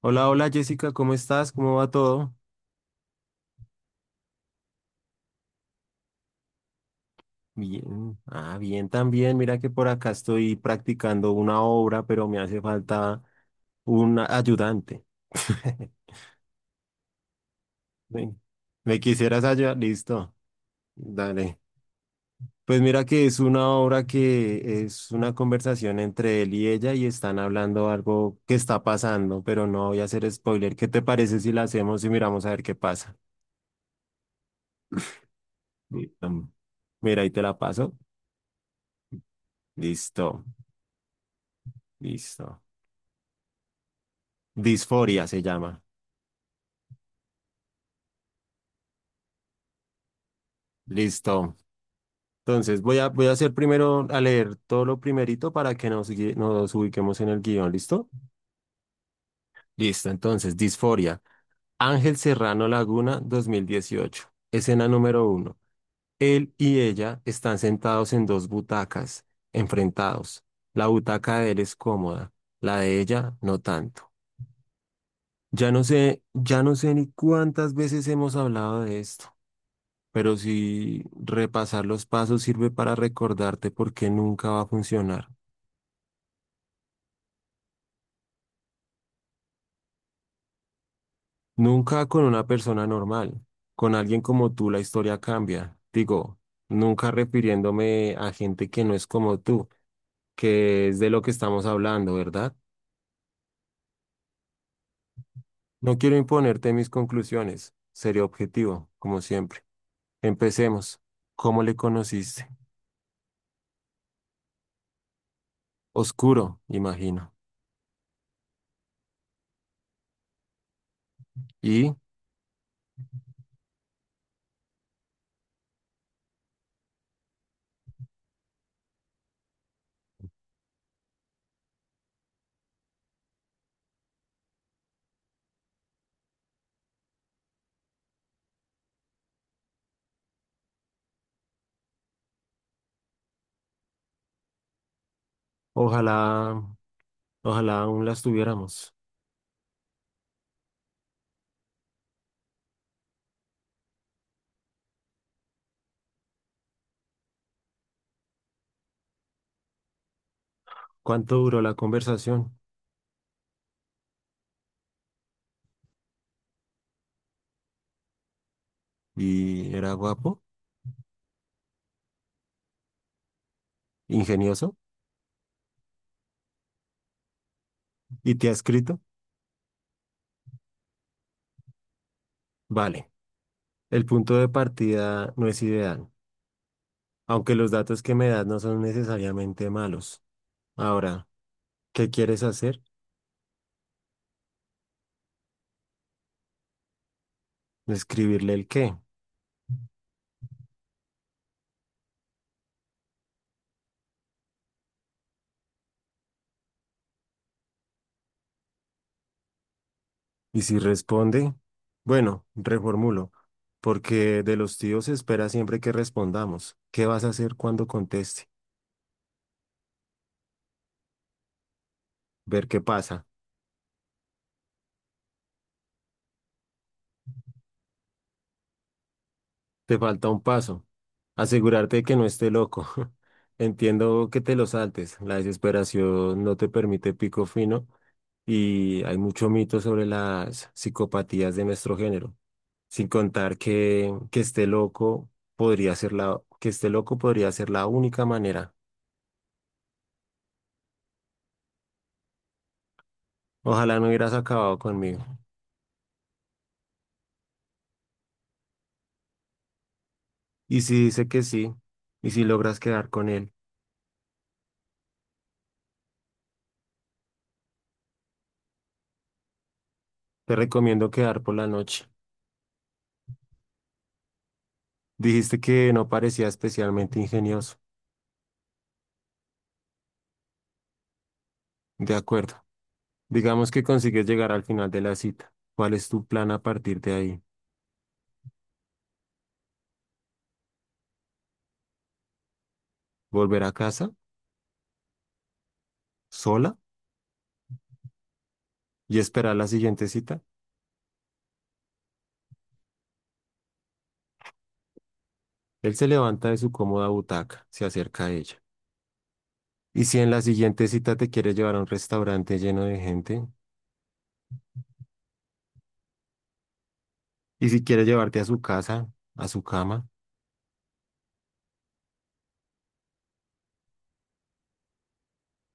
Hola, hola Jessica, ¿cómo estás? ¿Cómo va todo? Bien, bien también. Mira que por acá estoy practicando una obra, pero me hace falta un ayudante. ¿Me, ¿Me quisieras ayudar? Listo, dale. Pues mira que es una obra que es una conversación entre él y ella y están hablando algo que está pasando, pero no voy a hacer spoiler. ¿Qué te parece si la hacemos y miramos a ver qué pasa? Listo. Mira, ahí te la paso. Listo, listo. Disforia se llama. Listo. Entonces voy a hacer primero, a leer todo lo primerito para que nos ubiquemos en el guión. ¿Listo? Listo. Entonces, Disforia. Ángel Serrano Laguna, 2018. Escena número uno. Él y ella están sentados en dos butacas, enfrentados. La butaca de él es cómoda, la de ella no tanto. Ya no sé ni cuántas veces hemos hablado de esto. Pero si repasar los pasos sirve para recordarte por qué nunca va a funcionar. Nunca con una persona normal. Con alguien como tú la historia cambia. Digo, nunca refiriéndome a gente que no es como tú, que es de lo que estamos hablando, ¿verdad? No quiero imponerte mis conclusiones. Seré objetivo, como siempre. Empecemos. ¿Cómo le conociste? Oscuro, imagino. Y ojalá, ojalá aún las tuviéramos. ¿Cuánto duró la conversación? Y era guapo, ingenioso y te ha escrito. Vale, el punto de partida no es ideal, aunque los datos que me das no son necesariamente malos. Ahora, ¿qué quieres hacer? Escribirle el qué. Y si responde, bueno, reformulo, porque de los tíos se espera siempre que respondamos. ¿Qué vas a hacer cuando conteste? Ver qué pasa. Te falta un paso. Asegurarte de que no esté loco. Entiendo que te lo saltes. La desesperación no te permite pico fino y hay mucho mito sobre las psicopatías de nuestro género. Sin contar que esté loco que esté loco podría ser la única manera. Ojalá no hubieras acabado conmigo. Y si dice que sí, y si logras quedar con él, te recomiendo quedar por la noche. Dijiste que no parecía especialmente ingenioso. De acuerdo. Digamos que consigues llegar al final de la cita. ¿Cuál es tu plan a partir de ahí? ¿Volver a casa sola y esperar la siguiente cita? Él se levanta de su cómoda butaca, se acerca a ella. ¿Y si en la siguiente cita te quiere llevar a un restaurante lleno de gente? ¿Y si quiere llevarte a su casa, a su cama?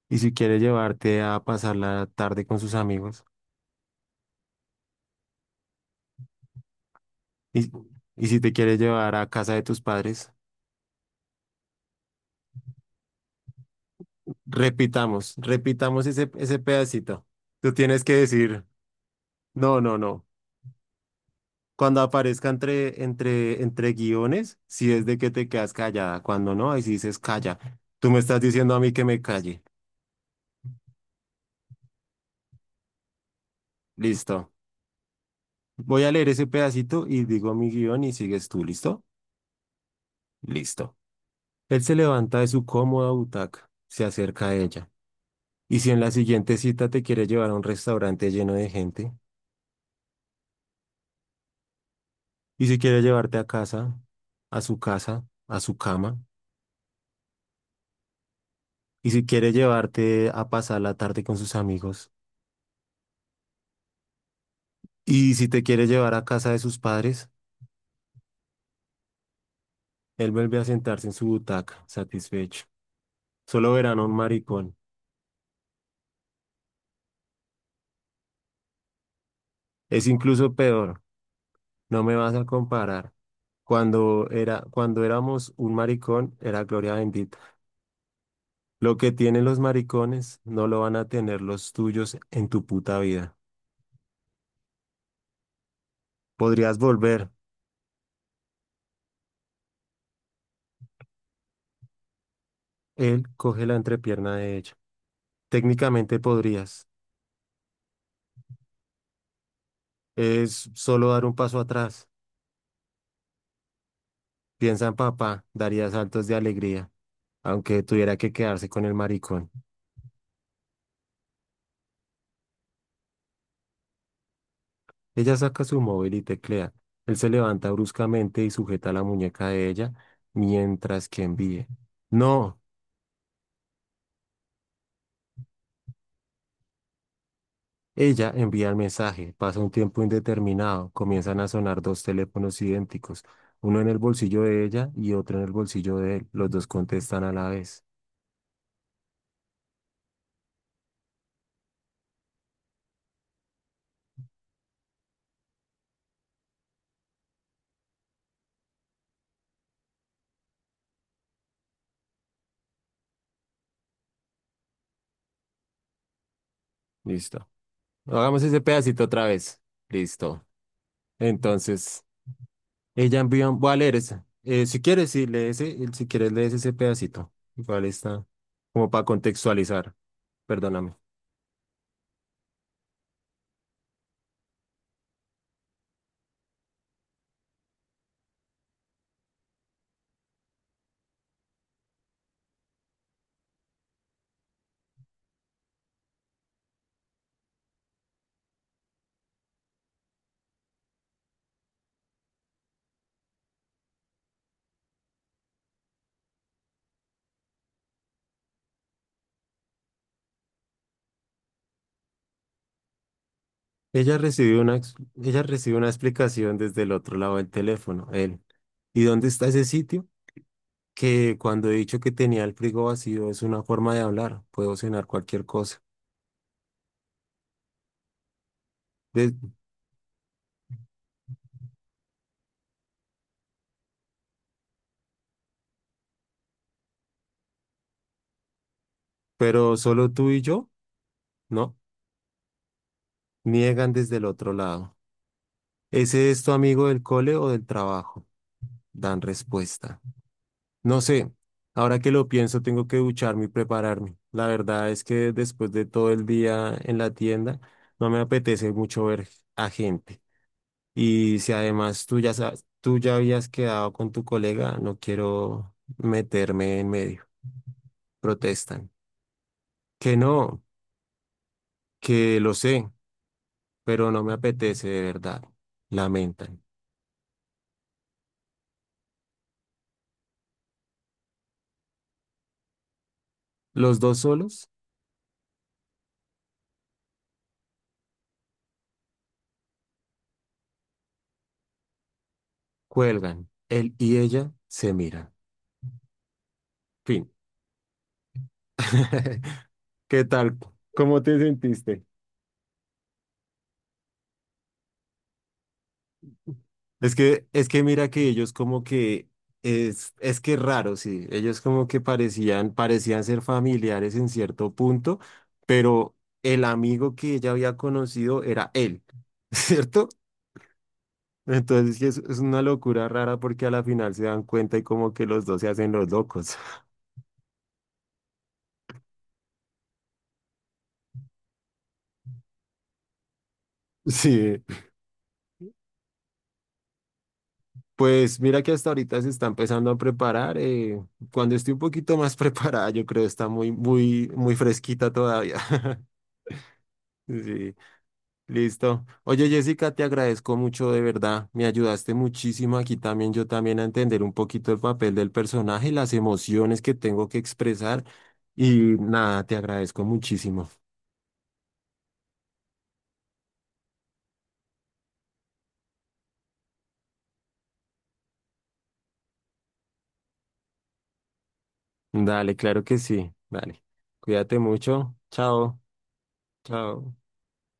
¿Y si quiere llevarte a pasar la tarde con sus amigos? ¿Y, ¿y si te quiere llevar a casa de tus padres? Repitamos ese pedacito. Tú tienes que decir, no, no, no. Cuando aparezca entre guiones, si es de que te quedas callada, cuando no, ahí sí dices calla. Tú me estás diciendo a mí que me calle. Listo. Voy a leer ese pedacito y digo mi guión y sigues tú, ¿listo? Listo. Él se levanta de su cómoda butaca, se acerca a ella. ¿Y si en la siguiente cita te quiere llevar a un restaurante lleno de gente? ¿Y si quiere llevarte a casa, a su cama? ¿Y si quiere llevarte a pasar la tarde con sus amigos? ¿Y si te quiere llevar a casa de sus padres? Él vuelve a sentarse en su butaca, satisfecho. Solo verán a un maricón. Es incluso peor. No me vas a comparar. Cuando éramos un maricón, era gloria bendita. Lo que tienen los maricones no lo van a tener los tuyos en tu puta vida. Podrías volver. Él coge la entrepierna de ella. Técnicamente podrías. Es solo dar un paso atrás. Piensa en papá, daría saltos de alegría, aunque tuviera que quedarse con el maricón. Ella saca su móvil y teclea. Él se levanta bruscamente y sujeta la muñeca de ella mientras que envíe. No, ella envía el mensaje. Pasa un tiempo indeterminado. Comienzan a sonar dos teléfonos idénticos, uno en el bolsillo de ella y otro en el bolsillo de él. Los dos contestan a la vez. Listo. Hagamos ese pedacito otra vez. Listo. Entonces, ella envía un... Voy a leer ese. Si quieres, sí, lee ese. Si quieres, lees ese pedacito. Igual está como para contextualizar. Perdóname. Ella recibió una, ex- ella recibió una explicación desde el otro lado del teléfono, él. ¿Y dónde está ese sitio? Que cuando he dicho que tenía el frigo vacío es una forma de hablar, puedo cenar cualquier cosa. De- pero solo tú y yo, ¿no? Niegan desde el otro lado. ¿Ese es tu amigo del cole o del trabajo? Dan respuesta. No sé, ahora que lo pienso tengo que ducharme y prepararme. La verdad es que después de todo el día en la tienda, no me apetece mucho ver a gente. Y si además tú ya sabes, tú ya habías quedado con tu colega, no quiero meterme en medio. Protestan. Que no, que lo sé, pero no me apetece de verdad. Lamentan. Los dos solos cuelgan. Él y ella se miran. Fin. ¿Qué tal? ¿Cómo te sentiste? Es que mira que ellos como que es que es raro, sí. Ellos como que parecían ser familiares en cierto punto, pero el amigo que ella había conocido era él, ¿cierto? Entonces sí, es una locura rara porque a la final se dan cuenta y como que los dos se hacen los locos. Sí, pues mira que hasta ahorita se está empezando a preparar. Cuando esté un poquito más preparada, yo creo está muy, muy, muy fresquita todavía. Sí. Listo. Oye, Jessica, te agradezco mucho de verdad. Me ayudaste muchísimo aquí también, yo también a entender un poquito el papel del personaje, las emociones que tengo que expresar y nada, te agradezco muchísimo. Dale, claro que sí. Dale. Cuídate mucho. Chao. Chao.